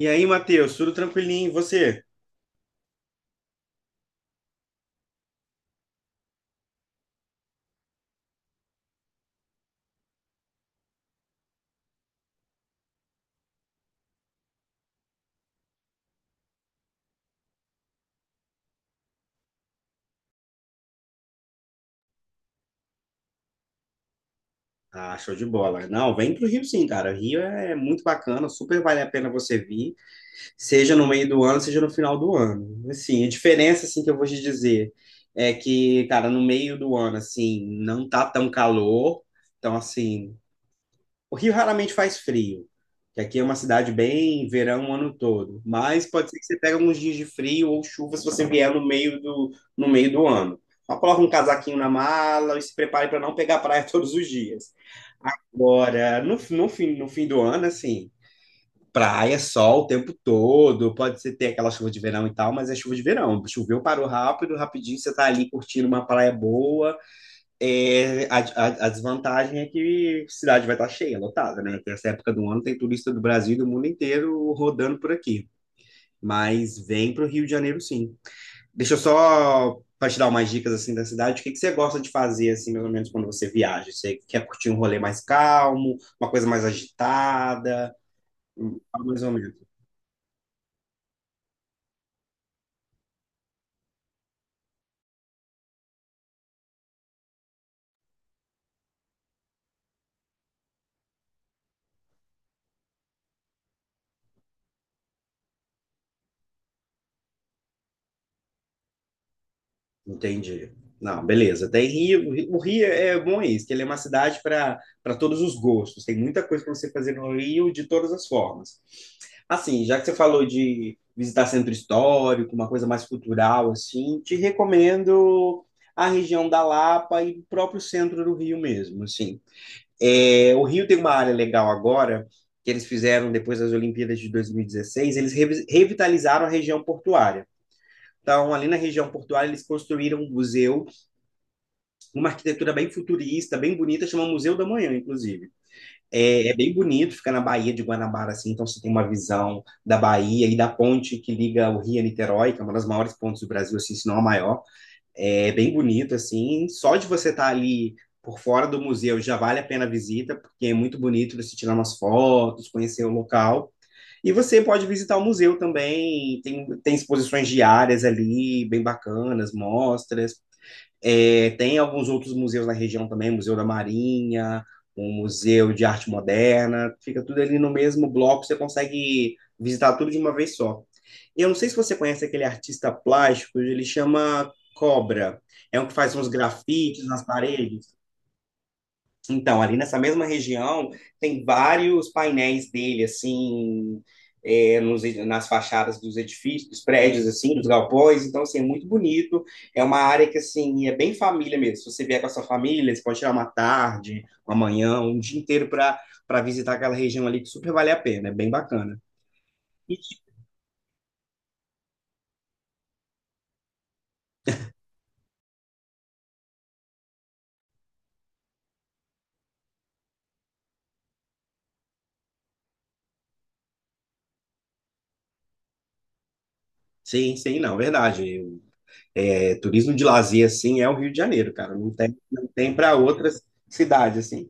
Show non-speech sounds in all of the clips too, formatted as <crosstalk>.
E aí, Matheus, tudo tranquilinho? E você? Ah, show de bola. Não, vem pro Rio sim, cara. O Rio é muito bacana, super vale a pena você vir, seja no meio do ano, seja no final do ano. Assim, a diferença assim que eu vou te dizer é que, cara, no meio do ano assim, não tá tão calor. Então, assim, o Rio raramente faz frio, que aqui é uma cidade bem verão o ano todo, mas pode ser que você pegue alguns dias de frio ou chuva se você vier no meio do ano. Só coloca um casaquinho na mala e se prepare para não pegar praia <laughs> todos os dias. Agora, no fim do ano, assim, praia, sol o tempo todo, pode ser ter aquela chuva de verão e tal, mas é chuva de verão. Choveu, parou rápido, rapidinho, você tá ali curtindo uma praia boa. A desvantagem é que a cidade vai estar cheia, lotada, né? Nessa época do ano tem turista do Brasil e do mundo inteiro rodando por aqui. Mas vem para o Rio de Janeiro, sim. Deixa eu só para te dar umas dicas assim da cidade. O que que você gosta de fazer assim, mais ou menos quando você viaja? Você quer curtir um rolê mais calmo, uma coisa mais agitada? Hum, Mais ou menos. Entendi. Não, beleza. Tem Rio. O Rio é bom é isso, que ele é uma cidade para todos os gostos. Tem muita coisa para você fazer no Rio de todas as formas. Assim, já que você falou de visitar centro histórico, uma coisa mais cultural, assim, te recomendo a região da Lapa e o próprio centro do Rio mesmo, assim. É, o Rio tem uma área legal agora, que eles fizeram depois das Olimpíadas de 2016, eles revitalizaram a região portuária. Então, ali na região portuária, eles construíram um museu, uma arquitetura bem futurista, bem bonita, chama Museu da Manhã, inclusive. Bem bonito, fica na Baía de Guanabara, assim, então você tem uma visão da Bahia e da ponte que liga o Rio a Niterói, que é uma das maiores pontes do Brasil, assim, se não a maior. É bem bonito, assim, só de você estar ali por fora do museu já vale a pena a visita, porque é muito bonito você tirar umas fotos, conhecer o local. E você pode visitar o museu também, tem exposições diárias ali, bem bacanas, mostras. É, tem alguns outros museus na região também, Museu da Marinha, um Museu de Arte Moderna, fica tudo ali no mesmo bloco, você consegue visitar tudo de uma vez só. Eu não sei se você conhece aquele artista plástico, ele chama Cobra, é um que faz uns grafites nas paredes. Então, ali nessa mesma região, tem vários painéis dele, assim, nas fachadas dos edifícios, dos prédios, assim, dos galpões. Então, assim, é muito bonito. É uma área que, assim, é bem família mesmo. Se você vier com a sua família, você pode tirar uma tarde, uma manhã, um dia inteiro para visitar aquela região ali, que super vale a pena. É bem bacana. Sim, sim, não, verdade. É, turismo de lazer, assim, é o Rio de Janeiro, cara. Não tem para outras cidades, assim.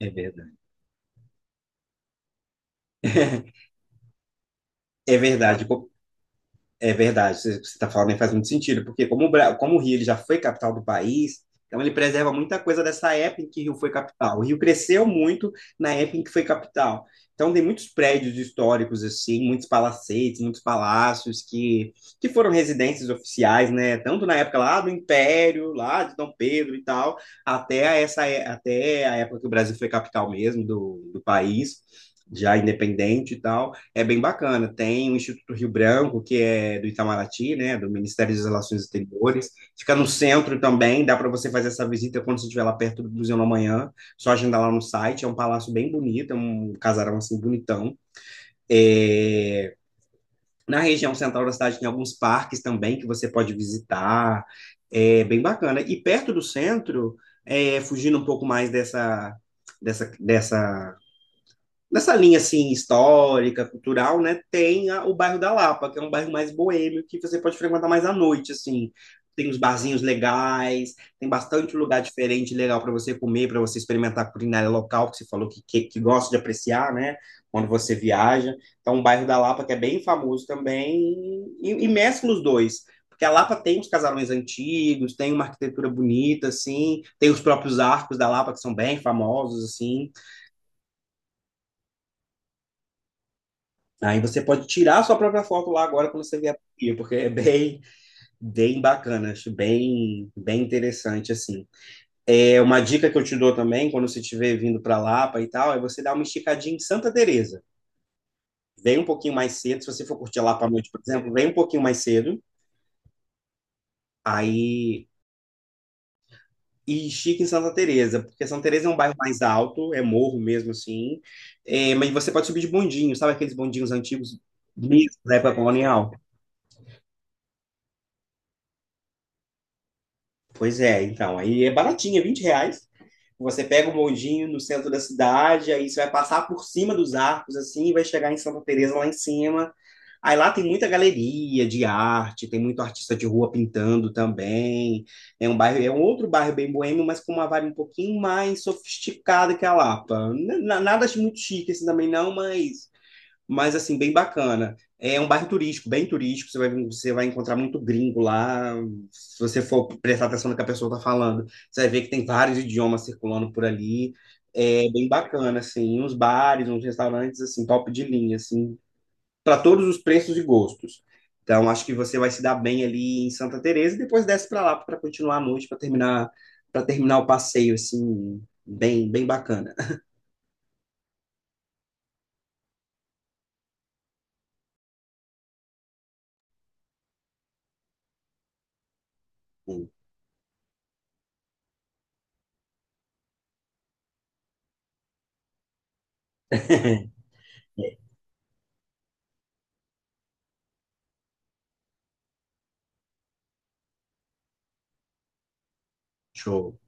É verdade. É verdade. É verdade, você está falando aí faz muito sentido, porque como o Rio ele já foi capital do país, então ele preserva muita coisa dessa época em que Rio foi capital. O Rio cresceu muito na época em que foi capital. Então tem muitos prédios históricos assim, muitos palacetes, muitos palácios que foram residências oficiais, né? Tanto na época lá do Império, lá de Dom Pedro e tal, até a época que o Brasil foi capital mesmo do país, já independente e tal, é bem bacana. Tem o Instituto Rio Branco, que é do Itamaraty, né, do Ministério das Relações Exteriores. Fica no centro também, dá para você fazer essa visita quando você estiver lá perto do Museu da Manhã. Só agendar lá no site. É um palácio bem bonito, é um casarão assim bonitão. É... Na região central da cidade tem alguns parques também que você pode visitar. É bem bacana. E perto do centro, fugindo um pouco mais dessa, dessa, dessa nessa linha assim histórica, cultural, né, tem o bairro da Lapa, que é um bairro mais boêmio que você pode frequentar mais à noite, assim. Tem uns barzinhos legais, tem bastante lugar diferente legal para você comer, para você experimentar a culinária local, que você falou que gosta de apreciar, né, quando você viaja. Então, o bairro da Lapa, que é bem famoso também, e mescla os dois. Porque a Lapa tem os casarões antigos, tem uma arquitetura bonita, assim, tem os próprios arcos da Lapa, que são bem famosos, assim. Aí você pode tirar a sua própria foto lá agora quando você vier para o Rio, porque é bem, bem bacana, acho bem, bem interessante assim. É uma dica que eu te dou também, quando você estiver vindo para Lapa e tal, é você dar uma esticadinha em Santa Teresa. Vem um pouquinho mais cedo, se você for curtir Lapa à noite, por exemplo, vem um pouquinho mais cedo, aí e estica em Santa Teresa, porque Santa Teresa é um bairro mais alto, é morro mesmo assim, é, mas você pode subir de bondinho, sabe aqueles bondinhos antigos mesmo da época colonial? Pois é, então, aí é baratinho, é R$ 20. Você pega o moldinho no centro da cidade, aí você vai passar por cima dos arcos, assim, e vai chegar em Santa Teresa lá em cima. Aí lá tem muita galeria de arte, tem muito artista de rua pintando também. É um bairro, é um outro bairro bem boêmio, mas com uma vibe um pouquinho mais sofisticada que a Lapa. Nada muito chique assim também não, mas assim, bem bacana. É um bairro turístico, bem turístico, você vai encontrar muito gringo lá. Se você for prestar atenção no que a pessoa está falando, você vai ver que tem vários idiomas circulando por ali. É bem bacana, assim, uns bares, uns restaurantes, assim, top de linha, assim, para todos os preços e gostos. Então, acho que você vai se dar bem ali em Santa Teresa e depois desce para lá para continuar a noite, para terminar o passeio, assim, bem, bem bacana. <laughs> Show.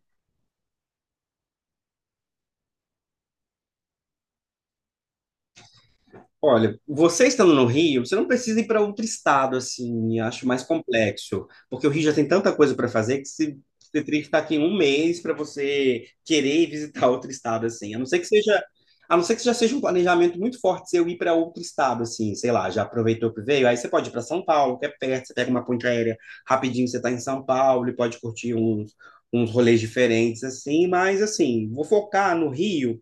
Olha, você estando no Rio, você não precisa ir para outro estado, assim, acho mais complexo, porque o Rio já tem tanta coisa para fazer que você teria que estar aqui um mês para você querer ir visitar <laughs> outro estado, assim, a não ser que já seja um planejamento muito forte se eu ir para outro estado, assim, sei lá, já aproveitou que veio, aí você pode ir para São Paulo, que é perto, você pega uma ponte aérea rapidinho, você está em São Paulo e pode curtir uns rolês diferentes, assim, mas, assim, vou focar no Rio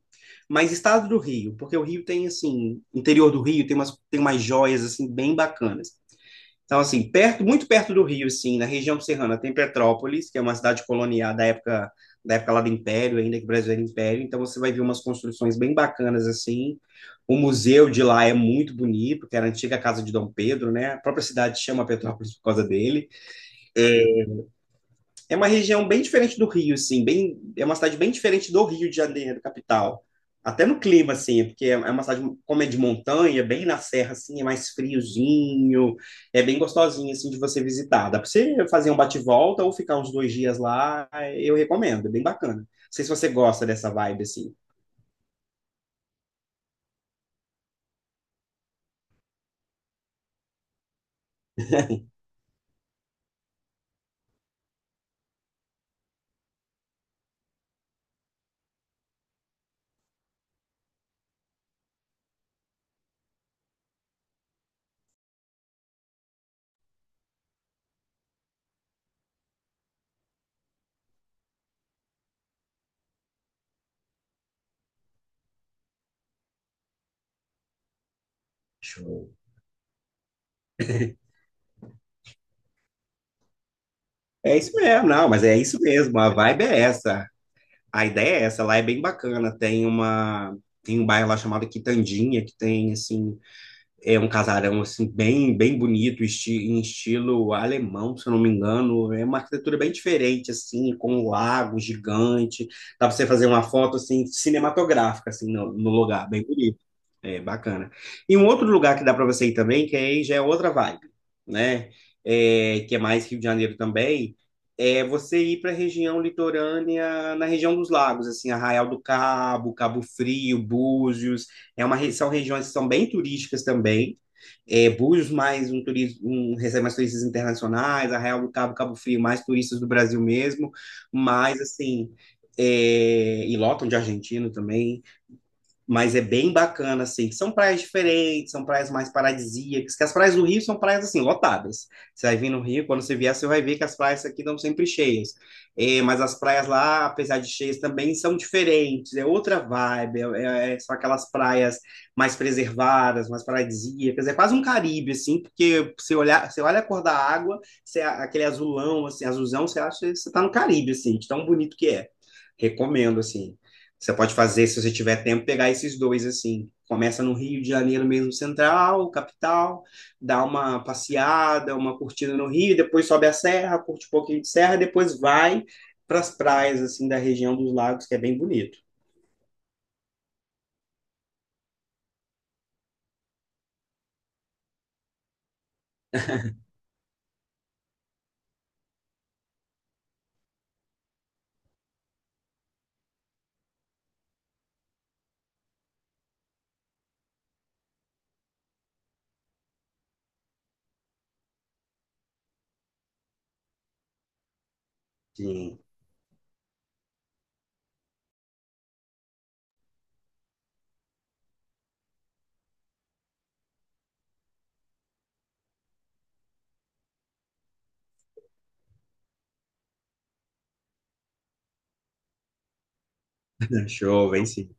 mas estado do Rio, porque o Rio tem, assim, interior do Rio tem umas joias, assim, bem bacanas. Então, assim, perto, muito perto do Rio, assim, na região serrana, tem Petrópolis, que é uma cidade colonial da época lá do Império, ainda que o Brasil era Império. Então, você vai ver umas construções bem bacanas, assim. O museu de lá é muito bonito, que era a antiga casa de Dom Pedro, né? A própria cidade chama Petrópolis por causa dele. É uma região bem diferente do Rio, assim, bem, é uma cidade bem diferente do Rio de Janeiro, capital. Até no clima, assim, é porque é uma cidade, como é de montanha, bem na serra, assim, é mais friozinho, é bem gostosinho, assim, de você visitar. Dá pra você fazer um bate-volta ou ficar uns 2 dias lá, eu recomendo, é bem bacana. Não sei se você gosta dessa vibe, assim. Show. É isso mesmo, não, mas é isso mesmo, a vibe é essa. A ideia é essa, lá é bem bacana. Tem um bairro lá chamado Quitandinha, que tem assim. É um casarão assim bem bem bonito, esti em estilo alemão, se eu não me engano. É uma arquitetura bem diferente assim, com um lago gigante. Dá para você fazer uma foto assim cinematográfica assim no lugar, bem bonito. É bacana. E um outro lugar que dá para você ir também, que aí já é outra vibe, né? É, que é mais Rio de Janeiro também, é você ir para a região litorânea, na região dos lagos, assim, Arraial do Cabo, Cabo Frio, Búzios. É uma, são regiões que são bem turísticas também. É, Búzios mais um turismo, um, recebe mais turistas internacionais, Arraial do Cabo, Cabo Frio, mais turistas do Brasil mesmo, mas assim, e lotam de argentino também, mas é bem bacana, assim. São praias diferentes, são praias mais paradisíacas, que as praias do Rio são praias, assim, lotadas. Você vai vir no Rio, quando você vier, você vai ver que as praias aqui estão sempre cheias. É, mas as praias lá, apesar de cheias, também são diferentes, é outra vibe, são aquelas praias mais preservadas, mais paradisíacas, é quase um Caribe, assim, porque você, olhar, você olha a cor da água, você, aquele azulão, assim, azulzão, você acha que você está no Caribe, assim, de tão bonito que é. Recomendo, assim. Você pode fazer, se você tiver tempo, pegar esses dois assim. Começa no Rio de Janeiro mesmo, central, capital, dá uma passeada, uma curtida no Rio, depois sobe a serra, curte um pouquinho de serra, depois vai para as praias assim da região dos lagos, que é bem bonito. Sim, show, vem sim.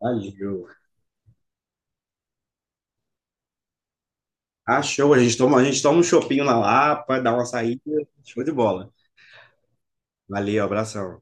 Valeu. Ah, show, a gente toma um chopinho na Lapa, dá uma saída, show de bola. Valeu, abração.